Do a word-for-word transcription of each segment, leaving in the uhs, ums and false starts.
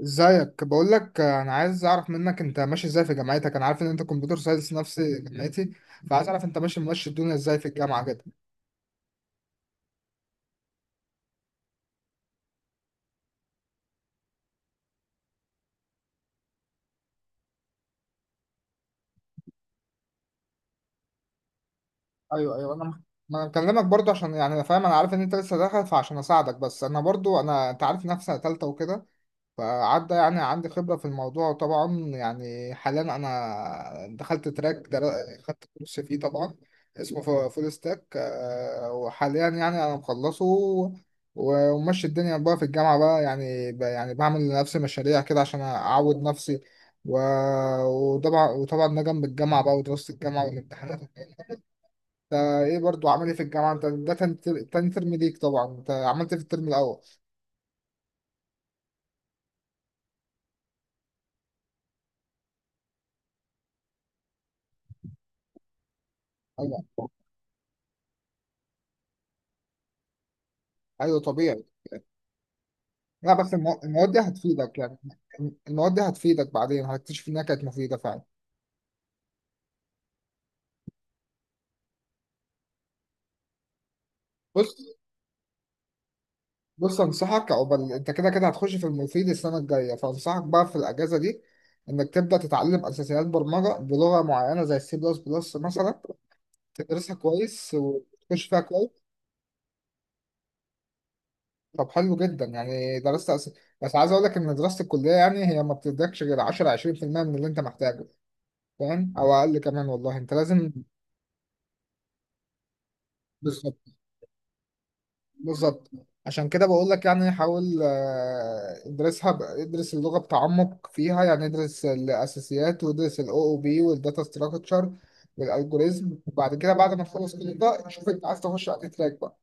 ازيك، بقول لك انا عايز اعرف منك انت ماشي ازاي في جامعتك. انا عارف ان انت كمبيوتر ساينس نفس جامعتي، فعايز اعرف انت ماشي ماشي الدنيا ازاي في الجامعه كده. ايوه ايوه، انا ما انا بكلمك برضه عشان يعني انا فاهم انا عارف ان انت لسه داخل، فعشان اساعدك. بس انا برضه انا انت عارف نفسي ثالثه وكده، فعدى يعني عندي خبرة في الموضوع طبعا. يعني حاليا أنا دخلت تراك در- خدت كورس فيه طبعا، اسمه ف- فول ستاك، آه، وحاليا يعني أنا مخلصه و- وماشي الدنيا بقى في الجامعة بقى. يعني ب- يعني بعمل لنفسي مشاريع كده عشان أعود نفسي، و- وطبعا وطبعا ده جنب الجامعة بقى، ودراسة الجامعة والامتحانات. انت ايه برضو؟ عامل ايه في الجامعة؟ انت ده تاني تر- تاني ترم ليك طبعا، انت عملت إيه في الترم الأول؟ أيوة. أيوة، طبيعي. لا، بس المو- المواد دي هتفيدك يعني، المواد دي هتفيدك، بعدين هتكتشف انها كانت مفيدة فعلا. بص بص انصحك، عقبال انت كده كده هتخش في المفيد السنة الجاية، فانصحك بقى في الاجازة دي انك تبدأ تتعلم اساسيات برمجة بلغة معينة زي السي بلس بلس مثلا، تدرسها كويس وتخش فيها كويس. طب حلو جدا، يعني درست أس... بس عايز اقول لك ان دراسة الكلية يعني هي ما بتدكش غير عشرة عشرين في المية من اللي انت محتاجه، فاهم؟ او اقل كمان والله، انت لازم. بالظبط، بالظبط. عشان كده بقول لك، يعني حاول، آه، ادرسها ب- ادرس اللغة بتعمق فيها، يعني ادرس الأساسيات، وادرس ال أو أو بي والداتا ستراكشر والألجوريزم، وبعد كده بعد ما تخلص كل ده شوف انت عايز تخش على أي تراك بقى.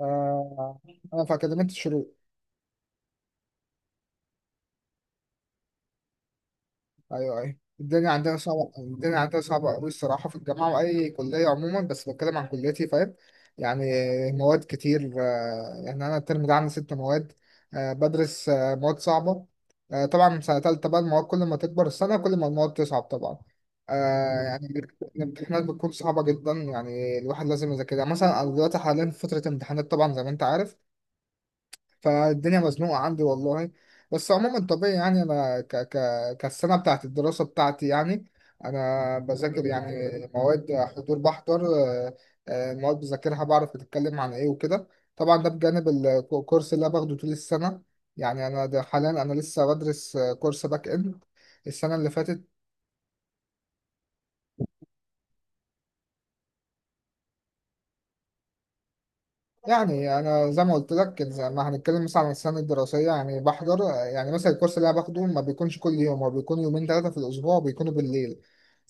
آه، أنا في أكاديمية الشروق. ايوه ايوه، الدنيا عندنا صعبه، الدنيا عندنا صعبه قوي الصراحه، في الجامعه واي كليه عموما، بس بتكلم عن كليتي، فاهم يعني؟ مواد كتير، آه، يعني انا الترم ده عندي ست مواد، آه، بدرس آه، مواد صعبه. آه، طبعا من سنه تالته بقى المواد، كل ما تكبر السنه كل ما المواد تصعب طبعا. آه، يعني الامتحانات بتكون صعبه جدا، يعني الواحد لازم يذاكرها. مثلا انا دلوقتي حاليا في فتره امتحانات طبعا زي ما انت عارف، فالدنيا مزنوقة عندي والله. بس عموما طبيعي يعني، أنا ك ك كالسنة بتاعت الدراسة بتاعتي يعني، أنا بذاكر يعني، مواد حضور بحضر، آه، آه، مواد بذاكرها، بعرف بتتكلم عن إيه وكده. طبعا ده بجانب الكورس اللي أنا باخده طول السنة. يعني أنا ده حاليا أنا لسه بدرس، آه، كورس باك إند السنة اللي فاتت. يعني أنا زي ما قلت لك، زي ما هنتكلم مثلا عن السنة الدراسية، يعني بحضر، آه، يعني مثلا الكورس اللي أنا باخده ما بيكونش كل يوم، هو بيكون يومين ثلاثة في الأسبوع، وبيكونوا بالليل،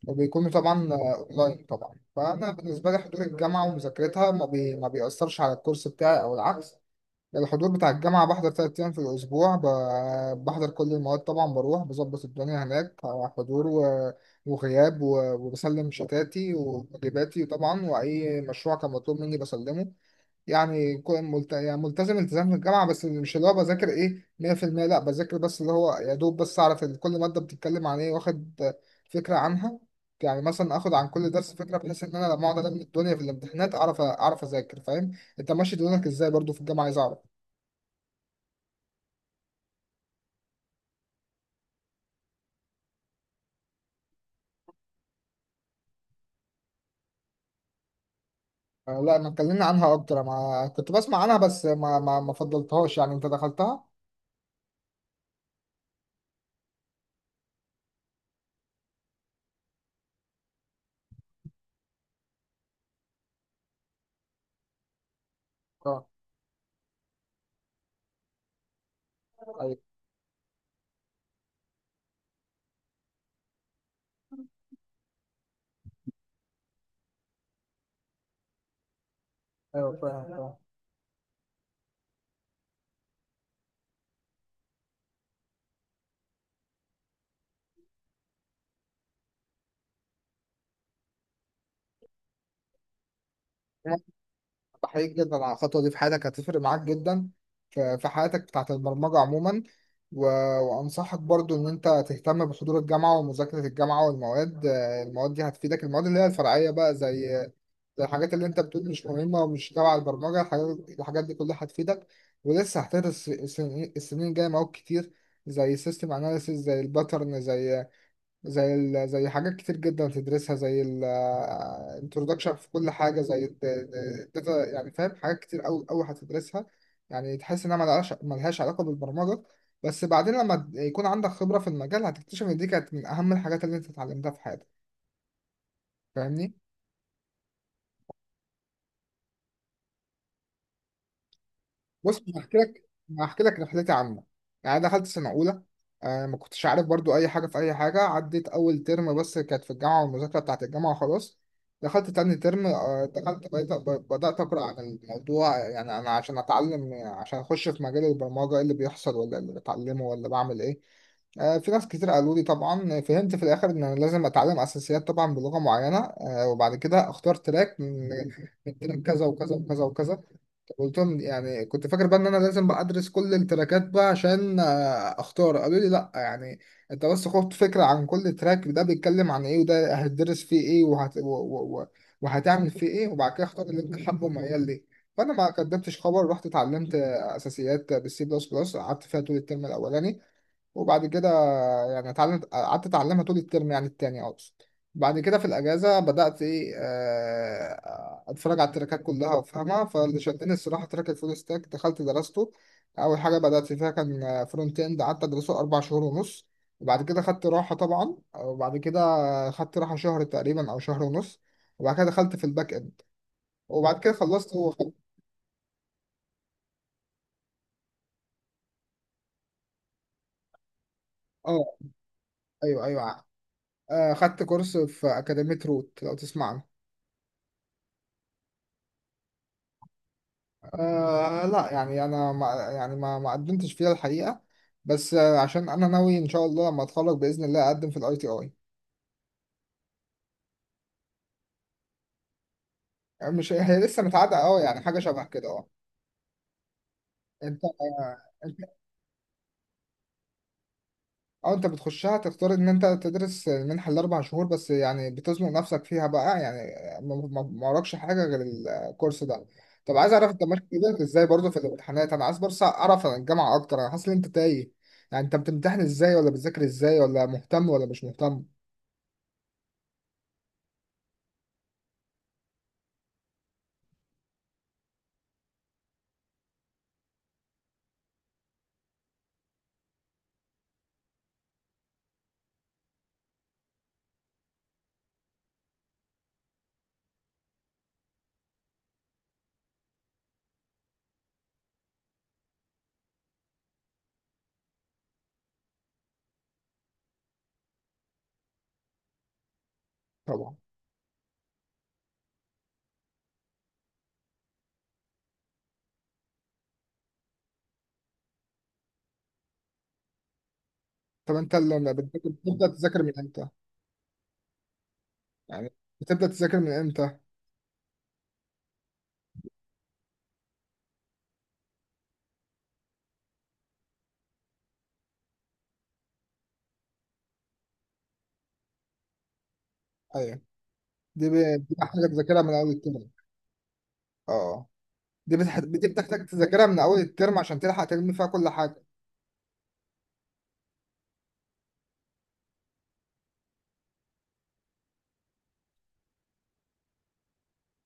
وبيكون طبعا اونلاين طبعا. فانا بالنسبه لي حضور الجامعه ومذاكرتها ما, بي... ما بيأثرش على الكورس بتاعي او العكس. الحضور بتاع الجامعه بحضر ثلاث ايام في الاسبوع، ب... بحضر كل المواد طبعا، بروح بظبط الدنيا هناك، حضور و... وغياب و... وبسلم شتاتي وواجباتي طبعا، واي مشروع كان مطلوب مني بسلمه. يعني كو- ملت... يعني ملتزم التزام في الجامعة. بس مش اللي هو بذاكر ايه مية في المية، لا بذاكر بس اللي هو يا دوب بس اعرف ال- كل مادة بتتكلم عن ايه، واخد فكرة عنها. يعني مثلا اخد عن كل درس فكرة، بحيث ان انا لما اقعد الم الدنيا في الامتحانات اعرف، اعرف اذاكر، فاهم؟ انت ماشي دنياك ازاي برضو في الجامعة؟ عايز اعرف. آه، لا، ما اتكلمنا عنها، اكتر ما كنت بسمع عنها بس ما ما ما فضلتهاش، يعني انت دخلتها؟ اه. ايوه ايوه، فاهم فاهم. بحييك جدا على الخطوة دي، في حياتك هتفرق معاك جدا، في في حياتك بتاعت البرمجة عموما. و... وأنصحك برضو إن أنت تهتم بحضور الجامعة ومذاكرة الجامعة والمواد، آه، المواد دي هتفيدك، المواد اللي هي الفرعية بقى، زي زي الحاجات اللي أنت بتقول مش مهمة ومش تبع البرمجة، الحاجات الحاجات دي كلها هتفيدك. ولسه هتدرس السنين، السنين الجاية مواد كتير، زي سيستم أناليسيس، زي الباترن، زي زي ال... زي حاجات كتير جدا تدرسها، زي ال، آه، introduction في كل حاجة، زي ال data، يعني فاهم؟ حاجات كتير أوي أوي هتدرسها، يعني تحس إنها ملهاش ملهاش علاقة بالبرمجة، بس بعدين لما يكون عندك خبرة في المجال هتكتشف إن دي كانت من أهم الحاجات اللي أنت اتعلمتها في حياتك. فاهمني؟ بص أنا هحكي لك، أنا هحكي لك رحلتي عامة. يعني أنا دخلت سنة أولى، آه ما كنتش عارف برضو أي حاجة في أي حاجة، عديت أول ترم بس كانت في الجامعة والمذاكرة بتاعت الجامعة خلاص. دخلت تاني ترم، آه دخلت بقيت بدأت أقرأ عن الموضوع، يعني أنا عشان أتعلم، عشان أخش في مجال البرمجة، إيه اللي بيحصل ولا إيه اللي بتعلمه، ولا بعمل إيه. آه، في ناس كتير قالوا لي، طبعا فهمت في الاخر ان انا لازم اتعلم اساسيات طبعا بلغه معينه، آه، وبعد كده اختار تراك من من تراك كذا وكذا وكذا وكذا. قلتهم يعني كنت فاكر بقى ان انا لازم بقى ادرس كل التراكات بقى عشان آه، اختار. قالوا لي لا، يعني انت بس خد فكره عن كل تراك ده بيتكلم عن ايه، وده هتدرس فيه ايه، وهت... و... و... و... وهتعمل فيه ايه، وبعد كده اختار اللي انت حابه وميال ليه. فانا ما قدمتش خبر، رحت اتعلمت اساسيات بالسي بلس بلس، قعدت فيها طول الترم الاولاني. وبعد كده يعني اتعلمت، قعدت اتعلمها طول الترم، يعني التاني اقصد. بعد كده في الاجازه بدات ايه، آه، اتفرج على التراكات كلها وافهمها، فاللي شدني الصراحه تراك الفول ستاك، دخلت درسته. اول حاجه بدات فيها كان فرونت اند، قعدت ادرسه اربع شهور ونص. وبعد كده خدت راحه طبعا، وبعد كده خدت راحه شهر تقريبا او شهر ونص، وبعد كده دخلت في الباك اند، وبعد كده خلصت وخدت. اه، ايوه ايوه. آه، خدت كورس في اكاديميه روت، لو تسمع عنها. آه لا، يعني انا ما يعني ما ما قدمتش فيها الحقيقه، بس آه عشان انا ناوي ان شاء الله لما اتخرج باذن الله اقدم في الاي تي اي. مش هي لسه متعادة، اه يعني حاجه شبه كده، اه. انت، انت اه انت بتخشها تختار ان انت تدرس المنحه الاربع شهور بس، يعني بتزنق نفسك فيها بقى، يعني ما ما- ما وراكش حاجه غير الكورس ده. طب عايز اعرف انت ماشي كده ازاي برضه في الامتحانات. انا عايز بس اعرف عن الجامعه اكتر، انا حاسس ان انت تايه. يعني انت بتمتحن ازاي، ولا بتذاكر ازاي، ولا مهتم ولا مش مهتم؟ طبعا. طب انت لما بتذاكر، بتبدأ تذاكر من امتى؟ يعني بتبدأ تذاكر من امتى؟ ايوه، دي ب... دي بحتاج تذاكرها من اول الترم. اه، دي بتح... دي بتحتاج تذاكرها من اول الترم عشان تلحق تلم فيها كل حاجة.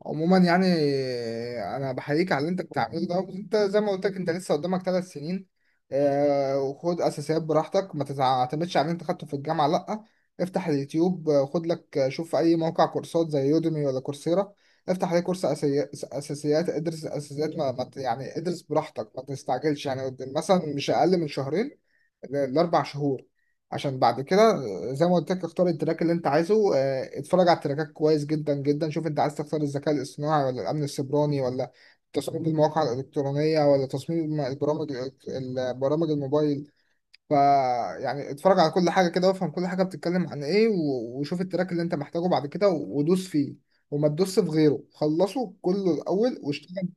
عموما يعني، آه، انا بحييك على اللي انت بتعمله ده. انت زي ما قلت لك، انت لسه قدامك ثلاث سنين، آه، وخد اساسيات براحتك، ما تعتمدش على اللي انت خدته في الجامعه لا، افتح اليوتيوب، آه، خد لك، آه، شوف في اي موقع كورسات زي يوديمي ولا كورسيرا، افتح عليه كورس أسي- اساسيات، ادرس اساسيات، ما ما ت- يعني ادرس براحتك ما تستعجلش، يعني مثلا مش اقل من شهرين، الاربع شهور. عشان بعد كده زي ما قلت لك اختار التراك اللي انت عايزه، آه، اتفرج على التراكات كويس جدا جدا، شوف انت عايز تختار الذكاء الاصطناعي، ولا الامن السيبراني، ولا تصميم المواقع الالكترونيه، ولا تصميم البرامج، البرامج الموبايل. ف يعني اتفرج على كل حاجه كده، وافهم كل حاجه بتتكلم عن ايه، و- وشوف التراك اللي انت محتاجه بعد كده، و- ودوس فيه وما تدوس في غيره، خلصه كله الاول واشتغل.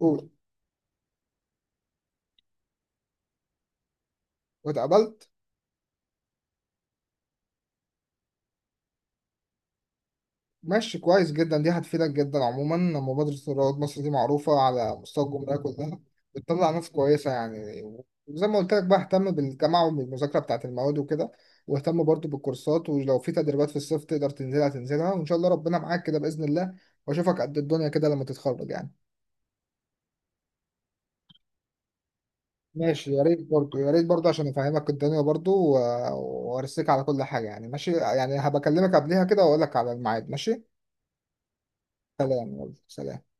قول. واتقبلت؟ ماشي، كويس جدا، دي هتفيدك جدا. عموما مبادرة رواد مصر دي معروفة على مستوى الجمهورية كلها، بتطلع ناس كويسة يعني. وزي ما قلت لك بقى، اهتم بالجامعة وبالمذاكرة بتاعة المواد وكده، واهتم برضو بالكورسات، ولو في تدريبات في الصيف تقدر تنزلها تنزلها، وإن شاء الله ربنا معاك كده بإذن الله، وأشوفك قد الدنيا كده لما تتخرج يعني. ماشي، يا ريت برضو، يا ريت برضو عشان أفهمك الدنيا برضو، و- وأرسيك على كل حاجة، يعني ماشي يعني، هبكلمك قبلها كده وأقول لك على الميعاد، ماشي. سلام، يلا سلام.